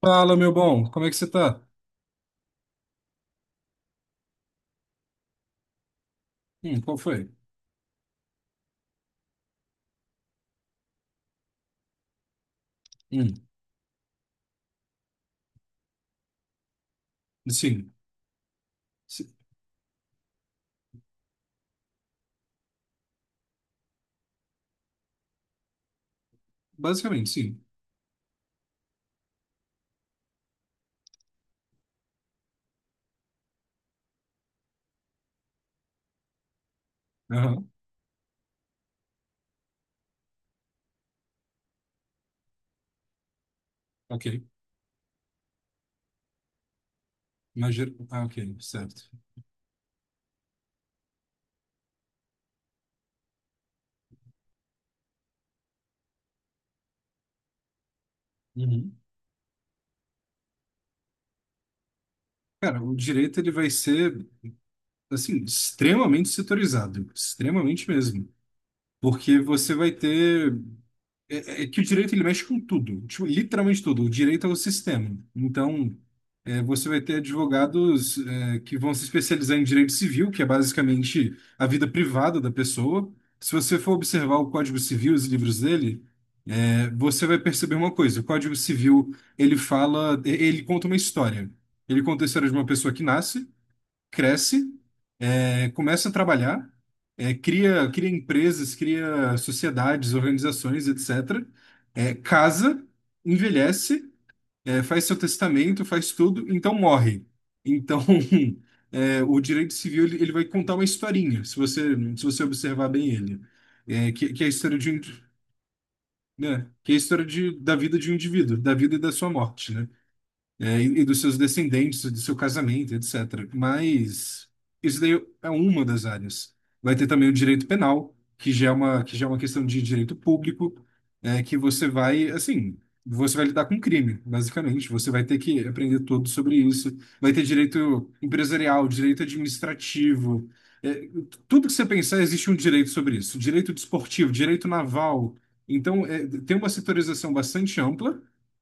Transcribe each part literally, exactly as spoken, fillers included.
Fala, meu bom, como é que você tá? Hum, qual foi? Hum, sim, si- basicamente, sim. Aham, ok. Imagina, ah, ok, certo. Uhum. Cara, o direito ele vai ser, assim, extremamente setorizado, extremamente mesmo, porque você vai ter. É, é que o direito ele mexe com tudo, tipo, literalmente tudo. O direito é o sistema. Então, é, você vai ter advogados, é, que vão se especializar em direito civil, que é basicamente a vida privada da pessoa. Se você for observar o Código Civil, os livros dele, é, você vai perceber uma coisa. O Código Civil, ele fala, e- ele conta uma história. Ele conta a história de uma pessoa que nasce, cresce, é, começa a trabalhar, é, cria, cria empresas, cria sociedades, organizações, etcétera é, Casa, envelhece, é, faz seu testamento, faz tudo, então morre. Então, é, o direito civil ele, ele vai contar uma historinha, se você, se você observar bem ele, é, que, que é a história de um, né, que é a história de, da vida de um indivíduo, da vida e da sua morte, né? é, e, e dos seus descendentes, do seu casamento, etcétera. Mas isso daí é uma das áreas. Vai ter também o direito penal, que já é uma, que já é uma questão de direito público, é, que você vai, assim, você vai lidar com crime, basicamente. Você vai ter que aprender tudo sobre isso. Vai ter direito empresarial, direito administrativo. É, tudo que você pensar, existe um direito sobre isso. Direito desportivo, direito naval. Então, é, tem uma setorização bastante ampla,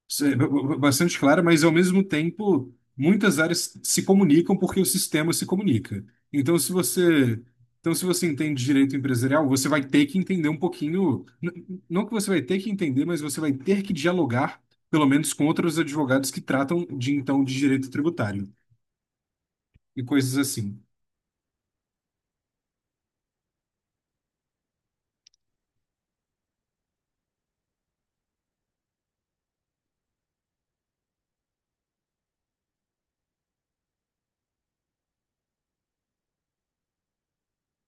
sim, ba- ba- bastante clara, mas ao mesmo tempo, muitas áreas se comunicam porque o sistema se comunica. Então, se você, então, se você entende direito empresarial, você vai ter que entender um pouquinho, n- não que você vai ter que entender, mas você vai ter que dialogar, pelo menos com outros advogados que tratam de então de direito tributário e coisas assim.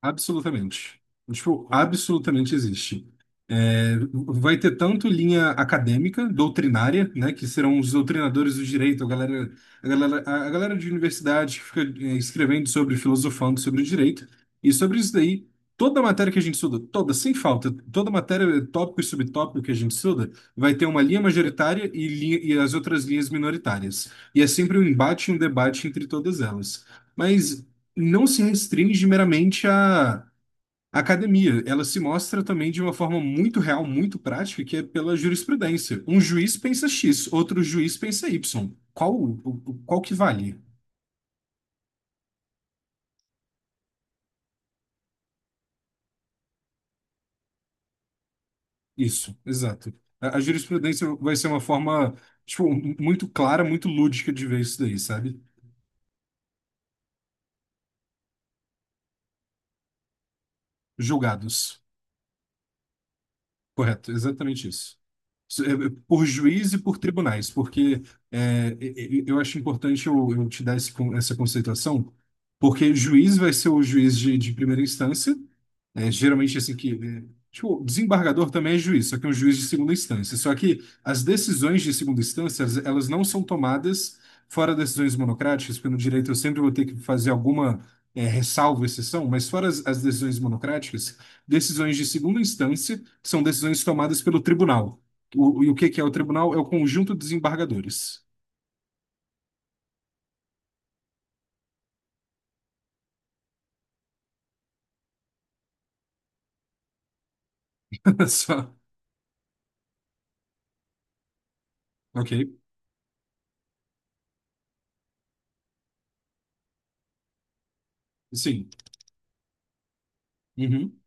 Absolutamente. Tipo, absolutamente existe. É, vai ter tanto linha acadêmica, doutrinária, né, que serão os doutrinadores do direito, a galera, a galera, a galera de universidade que fica é, escrevendo sobre, filosofando sobre o direito, e sobre isso daí, toda matéria que a gente estuda, toda, sem falta, toda matéria, tópico e subtópico que a gente estuda, vai ter uma linha majoritária e, linha, e as outras linhas minoritárias. E é sempre um embate e um debate entre todas elas. Mas não se restringe meramente à à academia, ela se mostra também de uma forma muito real, muito prática, que é pela jurisprudência. Um juiz pensa X, outro juiz pensa Y. Qual, o- o- qual que vale? Isso, exato. A, a jurisprudência vai ser uma forma, tipo, muito clara, muito lúdica de ver isso daí, sabe? Julgados. Correto, exatamente isso. Isso é- é Por juiz e por tribunais, porque é, e- e- eu acho importante eu, eu te dar esse con- essa conceituação, porque juiz vai ser o juiz de, de primeira instância, né, geralmente assim que. É, tipo, desembargador também é juiz, só que é um juiz de segunda instância. Só que as decisões de segunda instância, elas elas não são tomadas fora decisões monocráticas, porque no direito eu sempre vou ter que fazer alguma é, ressalva, exceção, mas fora as, as decisões monocráticas, decisões de segunda instância são decisões tomadas pelo tribunal. O, e o que que é o tribunal? É o conjunto de desembargadores. Só. Ok. Sim. Uhum.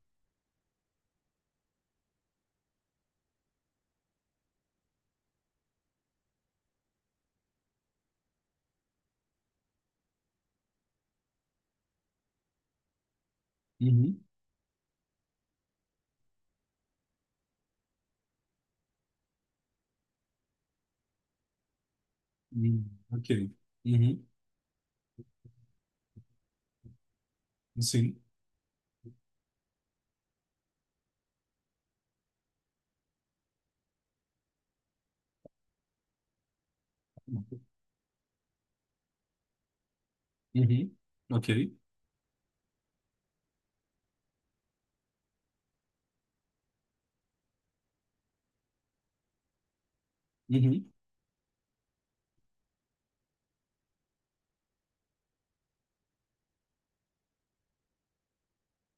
Uhum. Uhum. Ok. Uhum. Sim. Uhum. Ok. Uhum.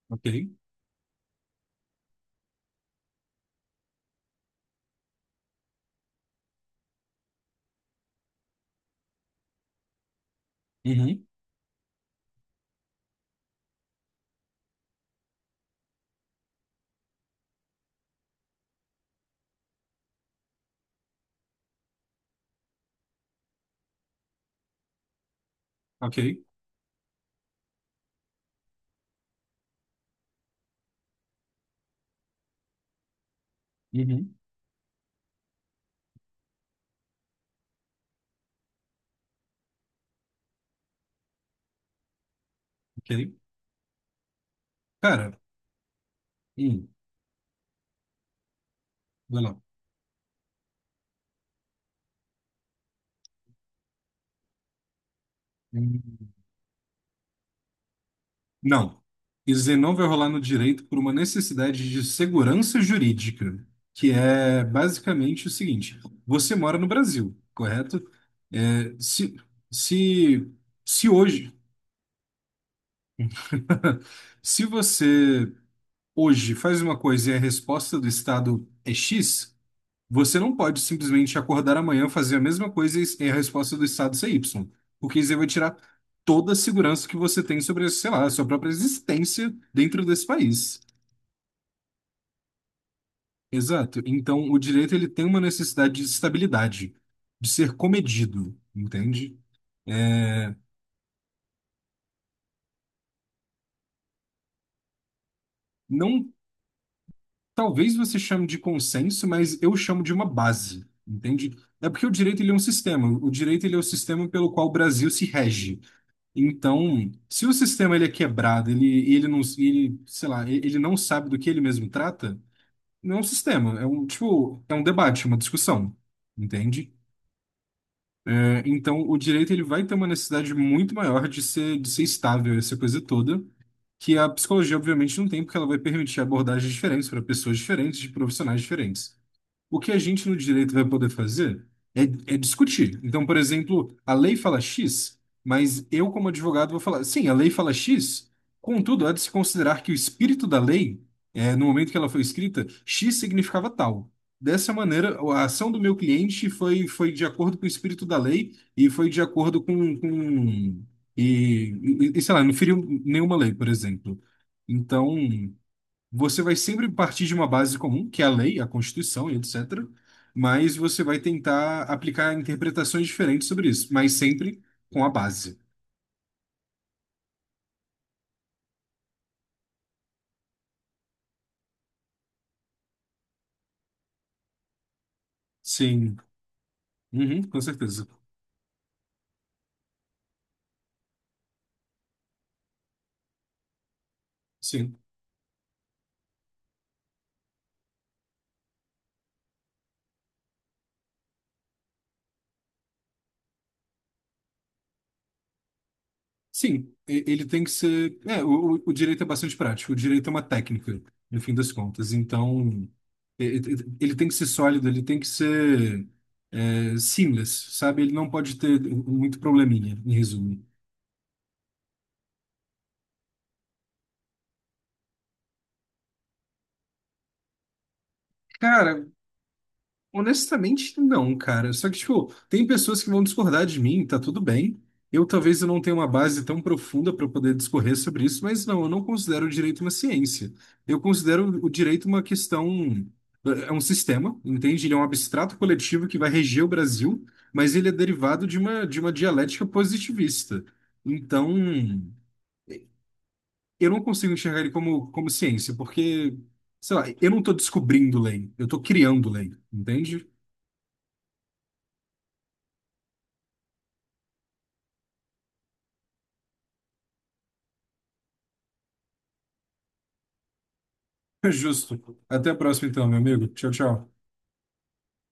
Ok. Uhum. Ok. Uhum. Ok. Cara, hum, vai lá. Hum. Não. Isenão vai rolar no direito por uma necessidade de segurança jurídica, que é basicamente o seguinte: você mora no Brasil, correto? É, se, se, Se hoje, se você hoje faz uma coisa e a resposta do Estado é X, você não pode simplesmente acordar amanhã, fazer a mesma coisa e a resposta do Estado ser Y, porque isso aí vai tirar toda a segurança que você tem sobre, sei lá, a sua própria existência dentro desse país. Exato. Então, o direito ele tem uma necessidade de estabilidade, de ser comedido, entende? É, Não, talvez você chame de consenso, mas eu chamo de uma base, entende? É porque o direito ele é um sistema. O direito ele é o sistema pelo qual o Brasil se rege. Então, se o sistema ele é quebrado, ele ele não, ele, sei lá, ele ele não sabe do que ele mesmo trata, não é um sistema, é um tipo, é um debate, uma discussão, entende? Então, o direito ele vai ter uma necessidade muito maior de ser, de ser estável, essa coisa toda, que a psicologia, obviamente, não tem, porque ela vai permitir abordagens diferentes para pessoas diferentes, de profissionais diferentes. O que a gente no direito vai poder fazer é, é discutir. Então, por exemplo, a lei fala X, mas eu, como advogado, vou falar, sim, a lei fala X, contudo, há de se considerar que o espírito da lei, é, no momento que ela foi escrita, X significava tal. Dessa maneira, a ação do meu cliente foi, foi de acordo com o espírito da lei e foi de acordo com, com e, e, e, sei lá, não feriu nenhuma lei, por exemplo. Então. Você vai sempre partir de uma base comum, que é a lei, a Constituição e etcétera. Mas você vai tentar aplicar interpretações diferentes sobre isso, mas sempre com a base. Sim, uhum, com certeza. Sim, sim, e- Ele tem que ser. É, o, o o direito é bastante prático, o direito é uma técnica, no fim das contas. Então, e- e- ele tem que ser sólido, ele tem que ser é, seamless, sabe? Ele não pode ter muito probleminha, em resumo. Cara, honestamente, não, cara. Só que, tipo, tem pessoas que vão discordar de mim, tá tudo bem. Eu talvez eu não tenha uma base tão profunda para poder discorrer sobre isso, mas não, eu não considero o direito uma ciência. Eu considero o direito uma questão, eh, é um sistema, entende? Ele é um abstrato coletivo que vai reger o Brasil, mas ele é derivado de uma, de uma dialética positivista. Então, eu não consigo enxergar ele como, como ciência, porque, sei lá, eu não estou descobrindo lei, eu estou criando lei, entende? Justo. Até a próxima, então, meu amigo. Tchau, tchau.